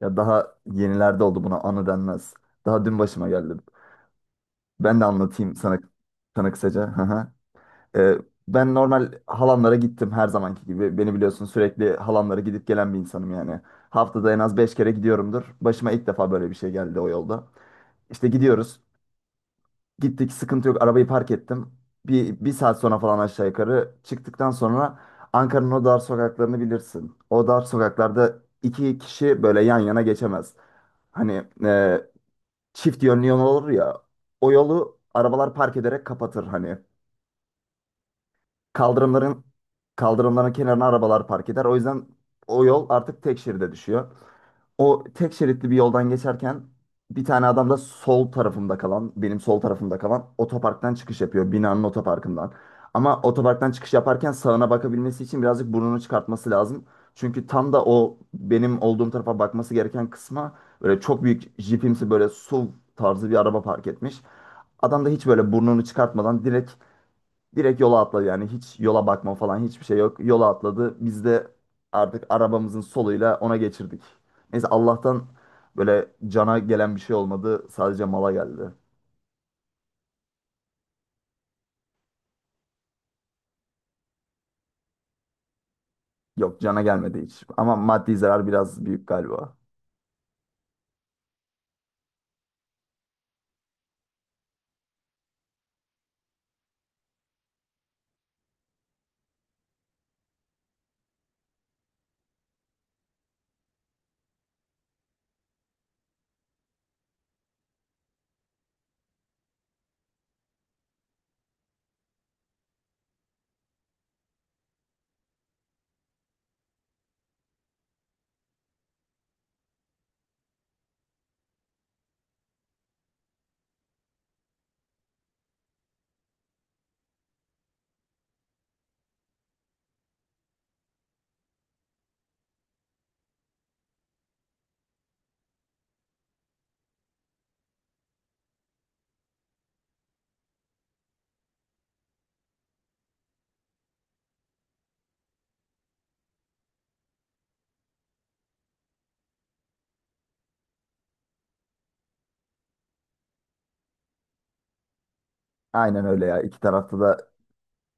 Ya daha yenilerde oldu buna anı denmez. Daha dün başıma geldi. Ben de anlatayım sana, sana kısaca. Hı hı. Ee, ben normal halamlara gittim her zamanki gibi. Beni biliyorsun sürekli halamlara gidip gelen bir insanım yani. Haftada en az 5 kere gidiyorumdur. Başıma ilk defa böyle bir şey geldi o yolda. İşte gidiyoruz. Gittik, sıkıntı yok, arabayı park ettim. Bir saat sonra falan aşağı yukarı çıktıktan sonra Ankara'nın o dar sokaklarını bilirsin. O dar sokaklarda iki kişi böyle yan yana geçemez. Hani çift yönlü yol olur ya. O yolu arabalar park ederek kapatır hani. Kaldırımların kaldırımların kenarına arabalar park eder. O yüzden o yol artık tek şeride düşüyor. O tek şeritli bir yoldan geçerken bir tane adam da sol tarafımda kalan, benim sol tarafımda kalan otoparktan çıkış yapıyor. Binanın otoparkından. Ama otoparktan çıkış yaparken sağına bakabilmesi için birazcık burnunu çıkartması lazım. Çünkü tam da o benim olduğum tarafa bakması gereken kısma böyle çok büyük jipimsi, böyle SUV tarzı bir araba park etmiş. Adam da hiç böyle burnunu çıkartmadan direkt yola atladı, yani hiç yola bakma falan, hiçbir şey yok. Yola atladı. Biz de artık arabamızın soluyla ona geçirdik. Neyse, Allah'tan böyle cana gelen bir şey olmadı. Sadece mala geldi. Yok, cana gelmedi hiç. Ama maddi zarar biraz büyük galiba. Aynen öyle ya. İki tarafta da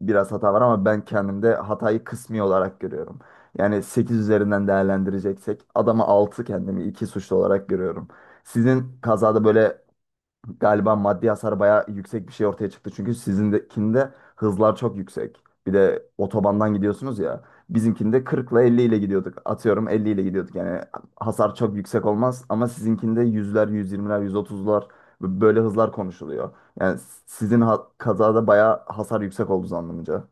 biraz hata var ama ben kendimde hatayı kısmi olarak görüyorum. Yani 8 üzerinden değerlendireceksek adama altı, kendimi 2 suçlu olarak görüyorum. Sizin kazada böyle galiba maddi hasar bayağı yüksek bir şey ortaya çıktı. Çünkü sizindekinde hızlar çok yüksek. Bir de otobandan gidiyorsunuz ya. Bizimkinde 40 ile 50 ile gidiyorduk. Atıyorum, 50 ile gidiyorduk. Yani hasar çok yüksek olmaz ama sizinkinde 100'ler, 120'ler, 130'lar, böyle hızlar konuşuluyor. Yani sizin kazada bayağı hasar yüksek olduğu anlamınca.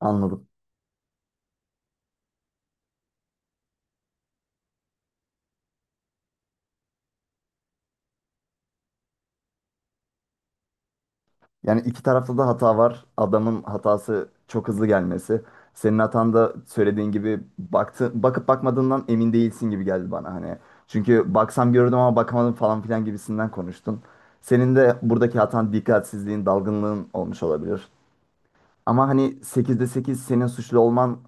Anladım. Yani iki tarafta da hata var. Adamın hatası çok hızlı gelmesi. Senin hatan da söylediğin gibi baktı, bakıp bakmadığından emin değilsin gibi geldi bana hani. Çünkü baksam gördüm ama bakamadım falan filan gibisinden konuştun. Senin de buradaki hatan dikkatsizliğin, dalgınlığın olmuş olabilir. Ama hani sekizde 8 senin suçlu olman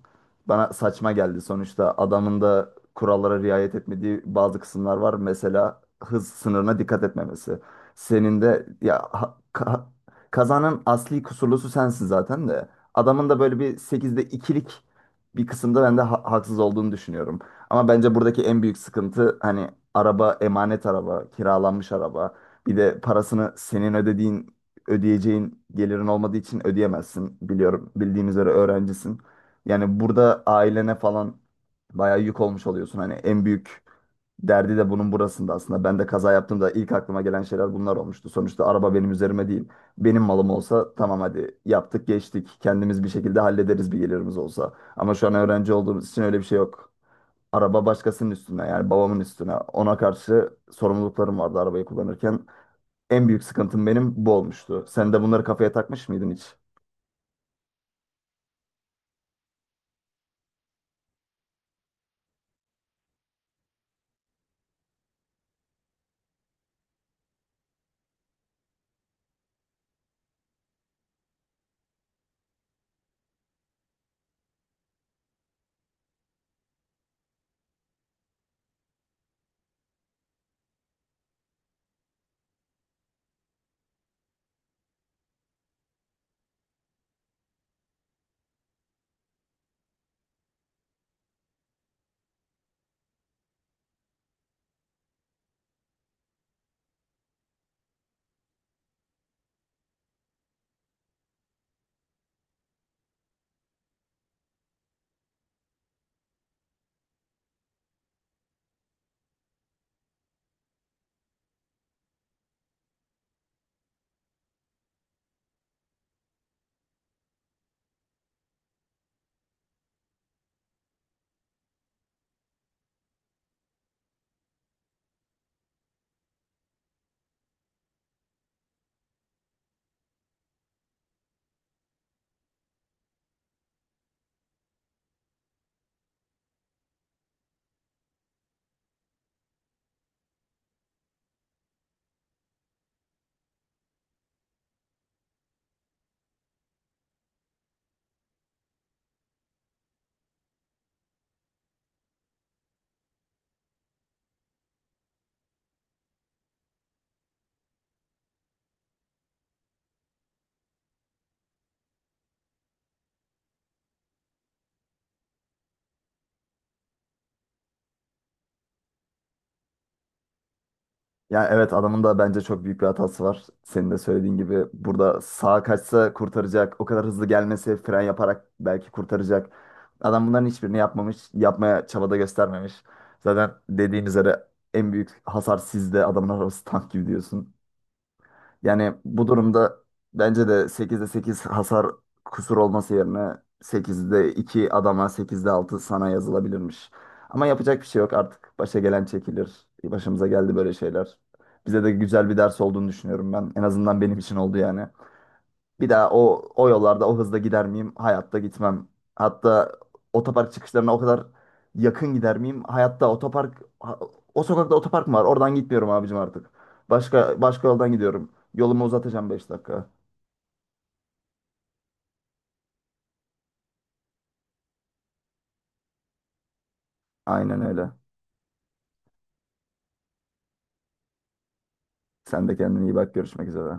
bana saçma geldi. Sonuçta adamın da kurallara riayet etmediği bazı kısımlar var. Mesela hız sınırına dikkat etmemesi. Senin de ya kazanın asli kusurlusu sensin zaten de. Adamın da böyle bir sekizde ikilik bir kısımda ben de haksız olduğunu düşünüyorum. Ama bence buradaki en büyük sıkıntı hani araba emanet araba, kiralanmış araba. Bir de parasını senin ödeyeceğin gelirin olmadığı için ödeyemezsin. Biliyorum, bildiğim üzere öğrencisin. Yani burada ailene falan bayağı yük olmuş oluyorsun. Hani en büyük derdi de bunun burasında aslında. Ben de kaza yaptığımda ilk aklıma gelen şeyler bunlar olmuştu. Sonuçta araba benim üzerime değil. Benim malım olsa tamam, hadi yaptık geçtik. Kendimiz bir şekilde hallederiz bir gelirimiz olsa. Ama şu an öğrenci olduğumuz için öyle bir şey yok. Araba başkasının üstüne, yani babamın üstüne. Ona karşı sorumluluklarım vardı arabayı kullanırken. En büyük sıkıntım benim bu olmuştu. Sen de bunları kafaya takmış mıydın hiç? Yani evet, adamın da bence çok büyük bir hatası var. Senin de söylediğin gibi burada sağa kaçsa kurtaracak. O kadar hızlı gelmesi, fren yaparak belki kurtaracak. Adam bunların hiçbirini yapmamış. Yapmaya çabada göstermemiş. Zaten dediğin üzere en büyük hasar sizde. Adamın arabası tank gibi diyorsun. Yani bu durumda bence de 8'de 8 hasar kusur olması yerine 8'de 2 adama, 8'de 6 sana yazılabilirmiş. Ama yapacak bir şey yok artık. Başa gelen çekilir. Başımıza geldi böyle şeyler. Bize de güzel bir ders olduğunu düşünüyorum ben. En azından benim için oldu yani. Bir daha o yollarda o hızda gider miyim? Hayatta gitmem. Hatta otopark çıkışlarına o kadar yakın gider miyim? Hayatta o sokakta otopark mı var? Oradan gitmiyorum abicim artık. Başka başka yoldan gidiyorum. Yolumu uzatacağım 5 dakika. Aynen öyle. Sen de kendine iyi bak. Görüşmek üzere.